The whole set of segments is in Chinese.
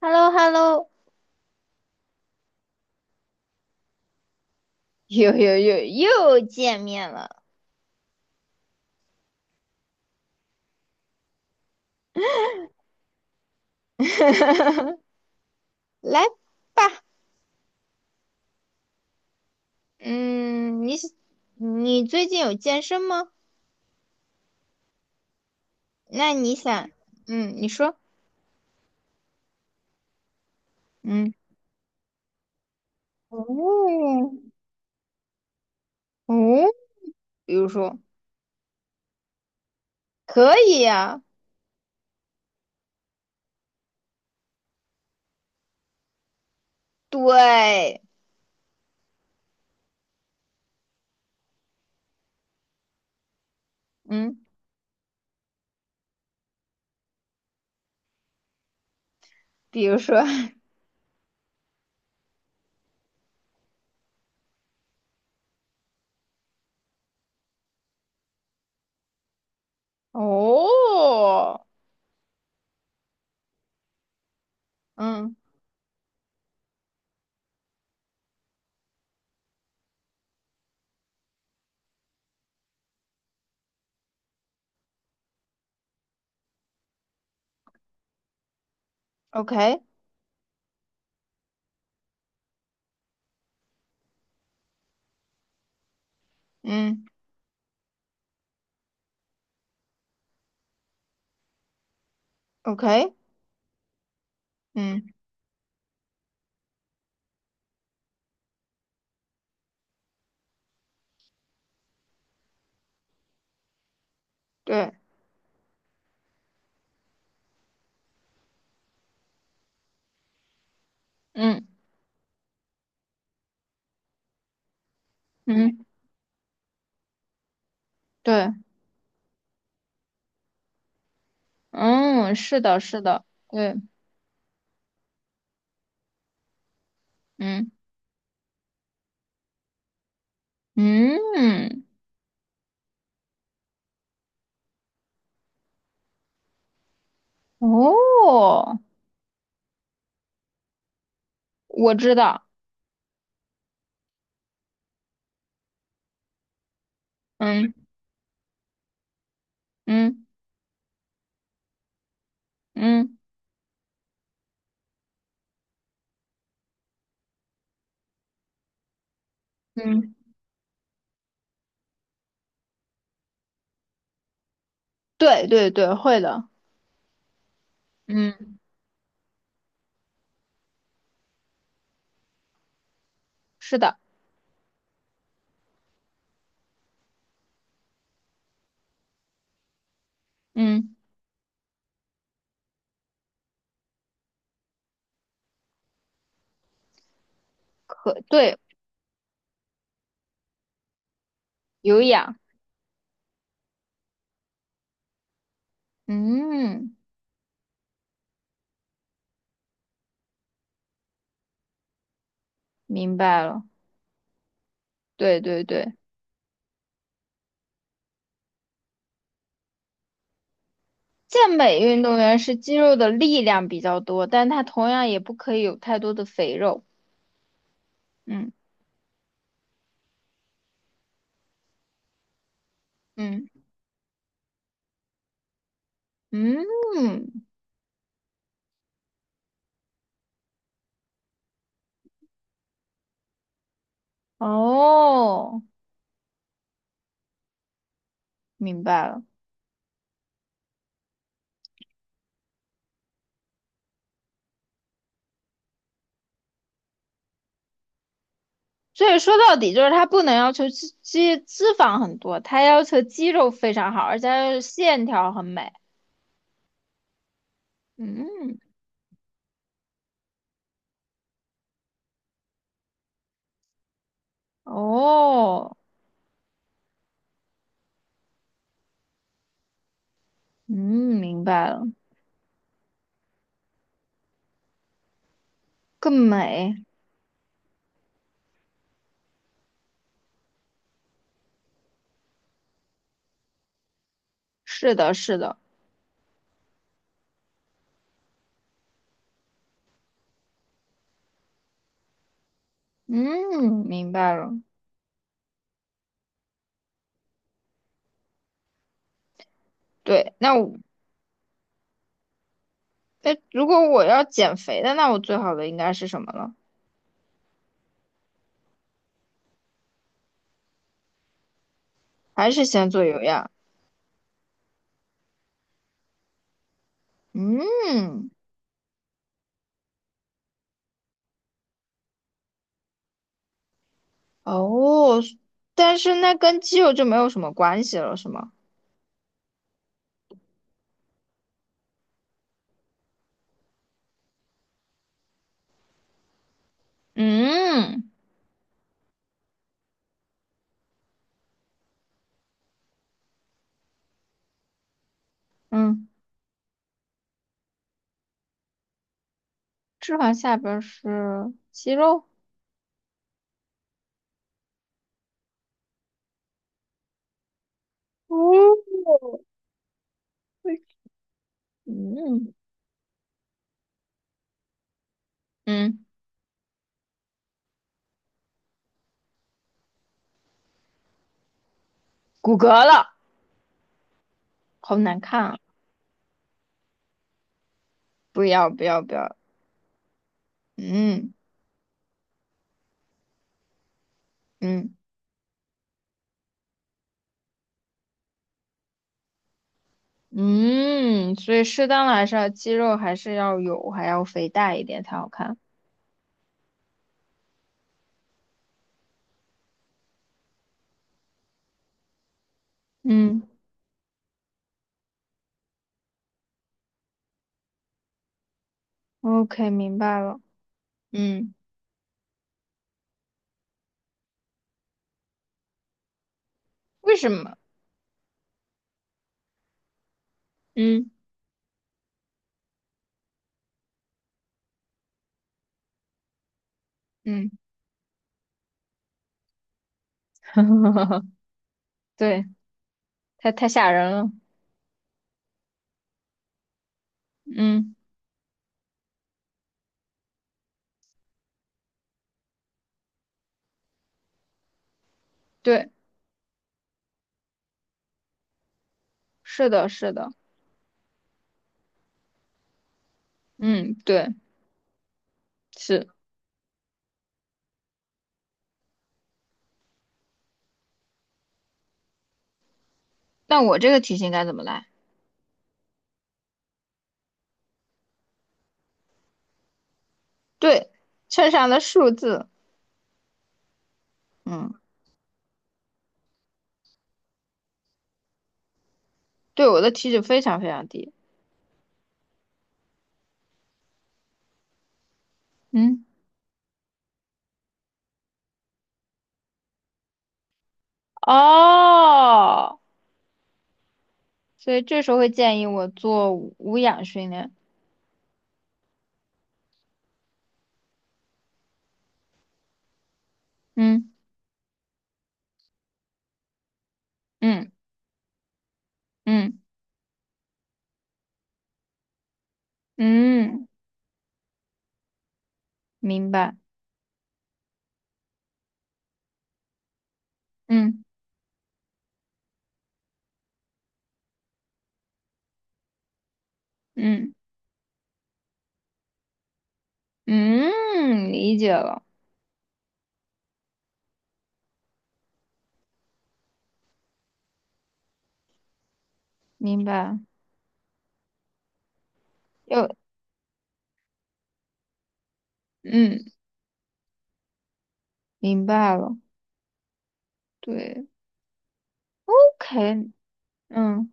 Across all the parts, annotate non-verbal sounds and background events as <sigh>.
h e l l o h e l l o <laughs> 又见面了，来吧，嗯，你最近有健身吗？那你想，嗯，你说，嗯，哦，哦，比如说，可以呀、对，嗯，比如说，<laughs> 哦，嗯，OK，嗯，OK，嗯，对，嗯嗯，对，嗯，是的，是的，对，嗯嗯。哦，我知道，嗯嗯嗯嗯对对对，会的，嗯是的，嗯，可对，有氧，嗯，明白了，对对对，健美运动员是肌肉的力量比较多，但他同样也不可以有太多的肥肉，嗯嗯，嗯，哦，明白了。所以说到底就是他不能要求脂肪很多，他要求肌肉非常好，而且它线条很美。嗯，哦，嗯，明白了，更美。是的，是的，嗯，明白了。对，那我，哎，如果我要减肥的，那我最好的应该是什么了？还是先做有氧？嗯，哦，但是那跟肌肉就没有什么关系了，是吗？嗯嗯。脂肪下边儿是肌肉，哦，么？嗯嗯，骨骼了，好难看啊！不要不要不要，嗯嗯嗯，所以适当的还是要肌肉还是要有，还要肥大一点才好看。嗯，OK，明白了。嗯，为什么？嗯嗯，<laughs> 对，太吓人了。嗯，对，是的，是的，嗯，对，是。那我这个题型该怎么来？对，秤上的数字，嗯，对我的体脂非常非常低，嗯，哦，所以这时候会建议我做无氧训练，嗯嗯嗯嗯，明白，嗯嗯嗯，理解了，明白，又嗯，明白了，对，OK，嗯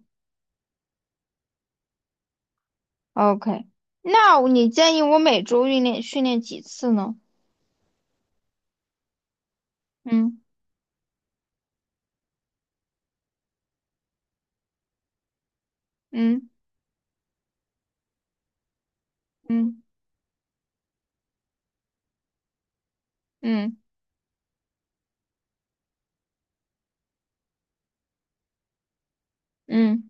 ，OK，那你建议我每周训练几次呢？嗯嗯嗯嗯嗯。嗯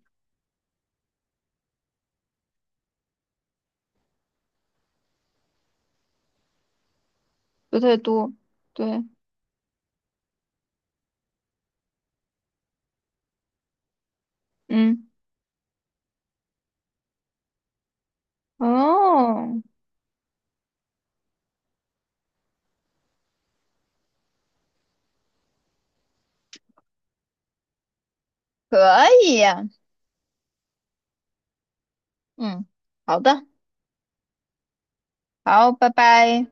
不太多。对，嗯，哦，可以呀嗯，好的，好，拜拜。